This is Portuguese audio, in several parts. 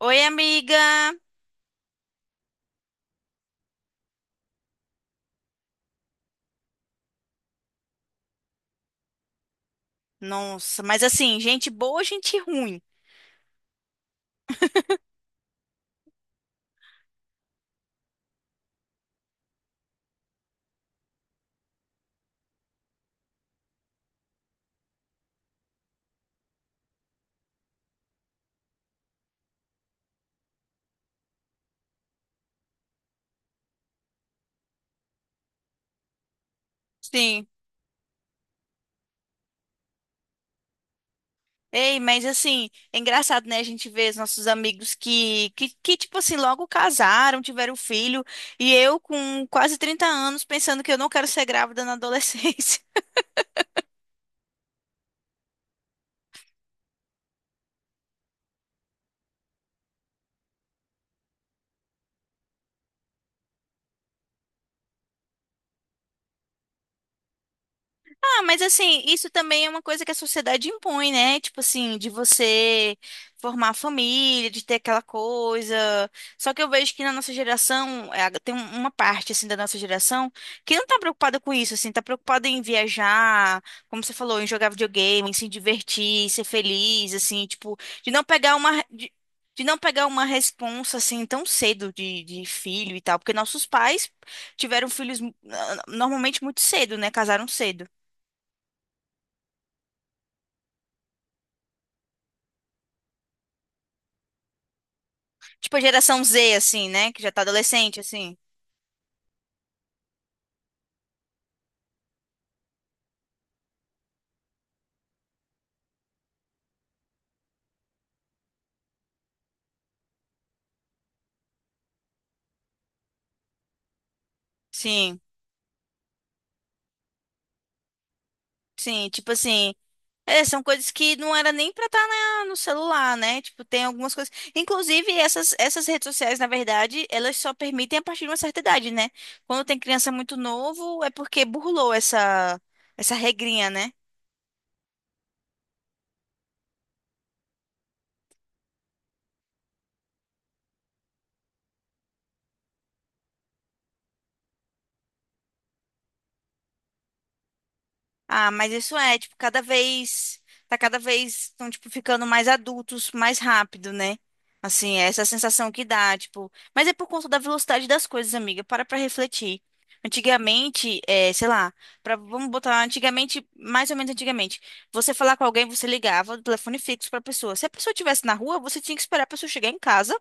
Oi, amiga. Nossa, mas assim, gente boa, gente ruim. Sim. Ei, mas assim, é engraçado, né? A gente vê os nossos amigos que, tipo assim, logo casaram, tiveram filho, e eu com quase 30 anos pensando que eu não quero ser grávida na adolescência. Ah, mas assim, isso também é uma coisa que a sociedade impõe, né? Tipo assim, de você formar família, de ter aquela coisa. Só que eu vejo que na nossa geração, é, tem uma parte assim da nossa geração que não tá preocupada com isso, assim, tá preocupada em viajar, como você falou, em jogar videogame, em se divertir, ser feliz, assim, tipo, de não pegar uma de, de não pegar uma responsa assim tão cedo de filho e tal, porque nossos pais tiveram filhos normalmente muito cedo, né? Casaram cedo. Tipo a geração Z, assim, né? Que já tá adolescente, assim. Sim, sim. Tipo assim. É, são coisas que não era nem pra estar no celular, né? Tipo, tem algumas coisas. Inclusive, essas redes sociais, na verdade, elas só permitem a partir de uma certa idade, né? Quando tem criança muito novo, é porque burlou essa regrinha, né? Ah, mas isso é, tipo, tá cada vez, estão, tipo, ficando mais adultos, mais rápido, né? Assim, é essa sensação que dá, tipo, mas é por conta da velocidade das coisas, amiga, para pra refletir. Antigamente, é, sei lá, vamos botar antigamente, mais ou menos antigamente, você falar com alguém, você ligava do telefone fixo pra pessoa. Se a pessoa estivesse na rua, você tinha que esperar a pessoa chegar em casa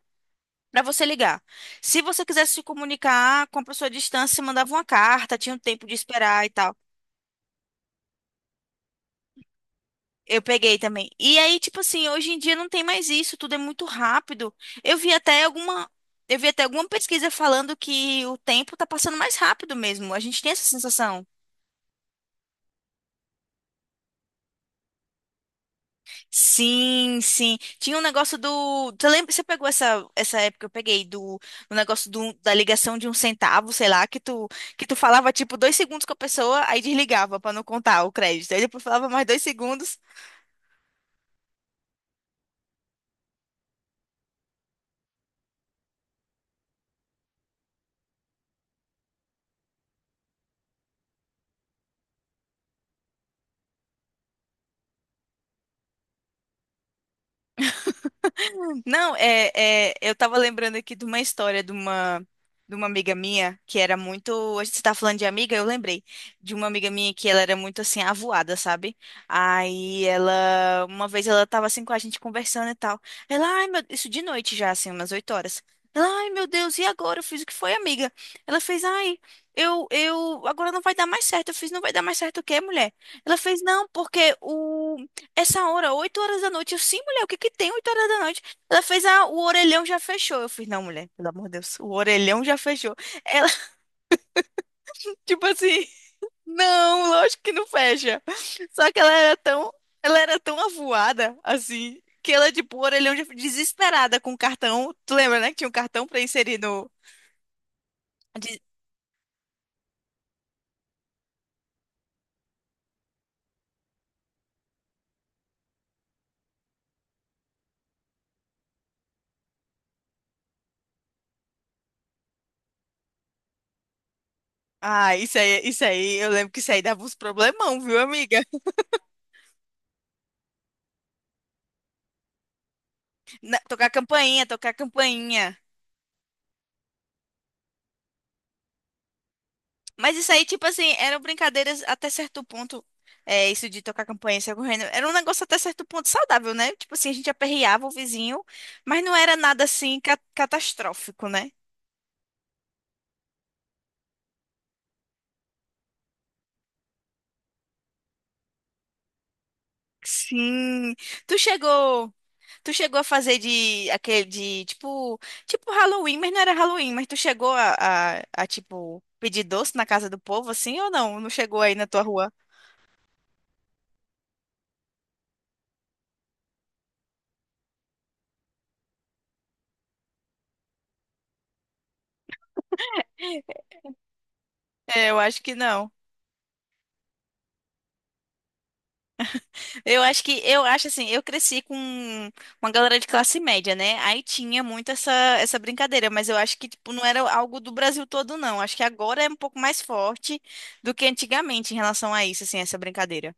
pra você ligar. Se você quisesse se comunicar com a pessoa à distância, você mandava uma carta, tinha um tempo de esperar e tal. Eu peguei também. E aí, tipo assim, hoje em dia não tem mais isso, tudo é muito rápido. Eu vi até alguma, eu vi até alguma pesquisa falando que o tempo tá passando mais rápido mesmo. A gente tem essa sensação. Sim, sim. Tinha um negócio do, você lembra, você pegou essa época que eu peguei do, negócio do, da ligação de 1 centavo, sei lá, que tu falava tipo 2 segundos com a pessoa, aí desligava pra não contar o crédito. Aí depois falava mais 2 segundos. Não, é, eu tava lembrando aqui de uma história de uma amiga minha que era muito. A gente tá falando de amiga, eu lembrei de uma amiga minha que ela era muito assim, avoada, sabe? Aí ela, uma vez ela tava assim com a gente conversando e tal. Ela, ai meu, isso de noite já, assim, umas 8 horas. Ela, ai meu Deus, e agora? Eu fiz o que foi, amiga? Ela fez, ai, eu, agora não vai dar mais certo. Eu fiz, não vai dar mais certo o quê, mulher? Ela fez, não, porque o, essa hora, 8 horas da noite. Eu, sim, mulher, o que que tem 8 horas da noite? Ela fez o orelhão já fechou. Eu fiz, não, mulher, pelo amor de Deus, o orelhão já fechou. Ela, tipo assim, não, lógico que não fecha. Só que ela era tão avoada, assim, que ela, tipo, o orelhão já desesperada com o cartão. Tu lembra, né, que tinha um cartão pra inserir no. de- Ah, isso aí, eu lembro que isso aí dava uns problemão, viu, amiga? Tocar campainha, tocar campainha. Mas isso aí, tipo assim, eram brincadeiras até certo ponto. É, isso de tocar campanha e sair correndo. Era um negócio até certo ponto saudável, né? Tipo assim, a gente aperreava o vizinho, mas não era nada assim catastrófico, né? Sim. Tu chegou, tu chegou a fazer de aquele de tipo Halloween, mas não era Halloween, mas tu chegou a tipo pedir doce na casa do povo assim ou não? Não chegou aí na tua rua? É, eu acho que não. Eu acho assim, eu cresci com uma galera de classe média, né? Aí tinha muito essa brincadeira, mas eu acho que tipo não era algo do Brasil todo não. Acho que agora é um pouco mais forte do que antigamente em relação a isso, assim, essa brincadeira.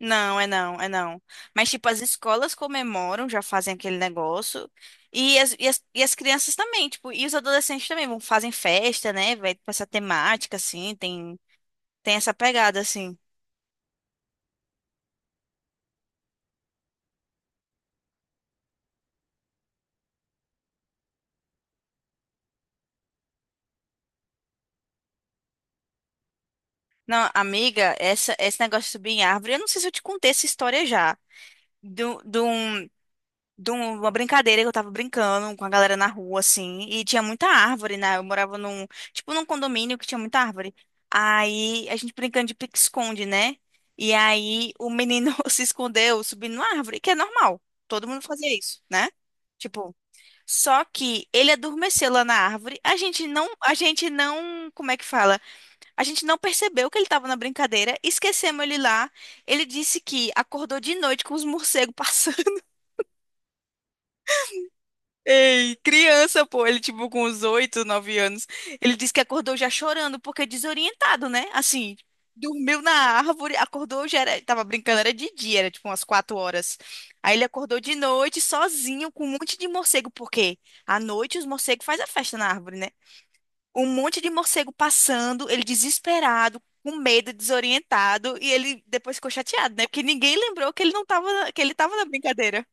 Não, é não, é não. Mas tipo as escolas comemoram, já fazem aquele negócio e as crianças também, tipo, e os adolescentes também vão fazem festa, né? Vai pra essa temática assim, tem essa pegada assim. Não, amiga, esse negócio de subir em árvore, eu não sei se eu te contei essa história já. De, um- de, um- uma brincadeira que eu tava brincando com a galera na rua, assim, e tinha muita árvore, né? Eu morava tipo, num condomínio que tinha muita árvore. Aí a gente brincando de pique-esconde, né? E aí o menino se escondeu subindo na árvore, que é normal. Todo mundo fazia isso, né? Tipo, só que ele adormeceu lá na árvore. A gente não, como é que fala? A gente não percebeu que ele estava na brincadeira, esquecemos ele lá. Ele disse que acordou de noite com os morcegos passando. Ei, criança, pô, ele tipo com uns 8, 9 anos. Ele disse que acordou já chorando, porque é desorientado, né? Assim, dormiu na árvore, acordou, já era, tava brincando, era de dia, era tipo umas 4 horas. Aí ele acordou de noite, sozinho, com um monte de morcego, porque à noite os morcegos fazem a festa na árvore, né? Um monte de morcego passando, ele desesperado, com medo, desorientado, e ele depois ficou chateado, né? Porque ninguém lembrou que ele não tava, que ele tava na brincadeira.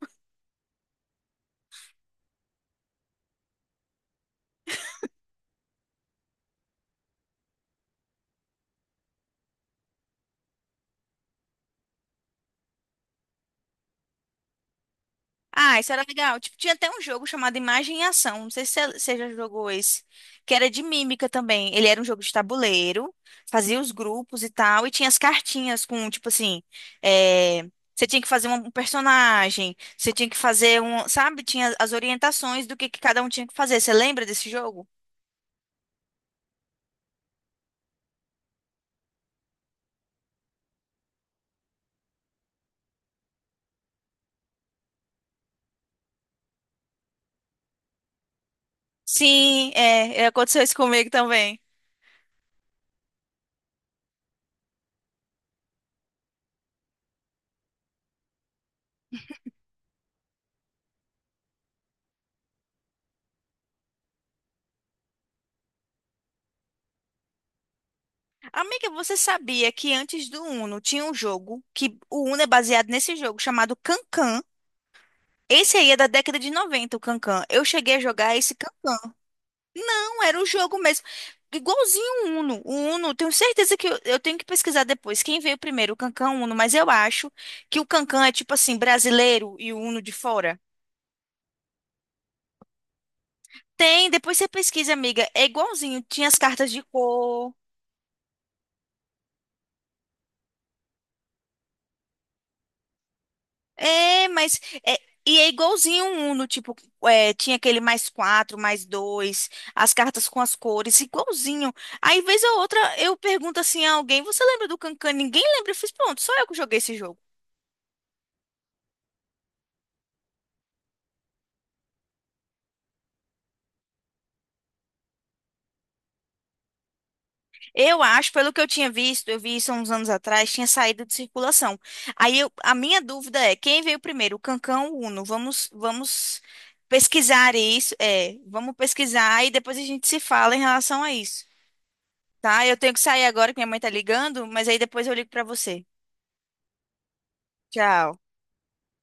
Ah, isso era legal. Tipo, tinha até um jogo chamado Imagem e Ação. Não sei se você já jogou esse, que era de mímica também. Ele era um jogo de tabuleiro, fazia os grupos e tal, e tinha as cartinhas com, tipo assim, é, você tinha que fazer um personagem, você tinha que fazer um, sabe? Tinha as orientações do que cada um tinha que fazer. Você lembra desse jogo? Sim, é, aconteceu isso comigo também. Amiga, você sabia que antes do Uno tinha um jogo que o Uno é baseado nesse jogo chamado Cancan? Esse aí é da década de 90 o Cancan. Eu cheguei a jogar esse Cancan, era o jogo mesmo. Igualzinho o Uno. O Uno, tenho certeza que eu tenho que pesquisar depois quem veio primeiro, o Cancan ou o Uno, mas eu acho que o Cancan é tipo assim, brasileiro e o Uno de fora. Tem, depois você pesquisa, amiga. É igualzinho, tinha as cartas de cor. É, é, e é igualzinho um Uno, tipo, tinha aquele +4, +2, as cartas com as cores, igualzinho. Aí, vez ou outra, eu pergunto assim a alguém, você lembra do Cancan? Ninguém lembra. Eu fiz, pronto, só eu que joguei esse jogo. Eu acho, pelo que eu tinha visto, eu vi isso há uns anos atrás, tinha saído de circulação. Aí, a minha dúvida é, quem veio primeiro, o Cancan ou o Uno? Vamos pesquisar isso, vamos pesquisar e depois a gente se fala em relação a isso. Tá, eu tenho que sair agora que minha mãe tá ligando, mas aí depois eu ligo pra você. Tchau.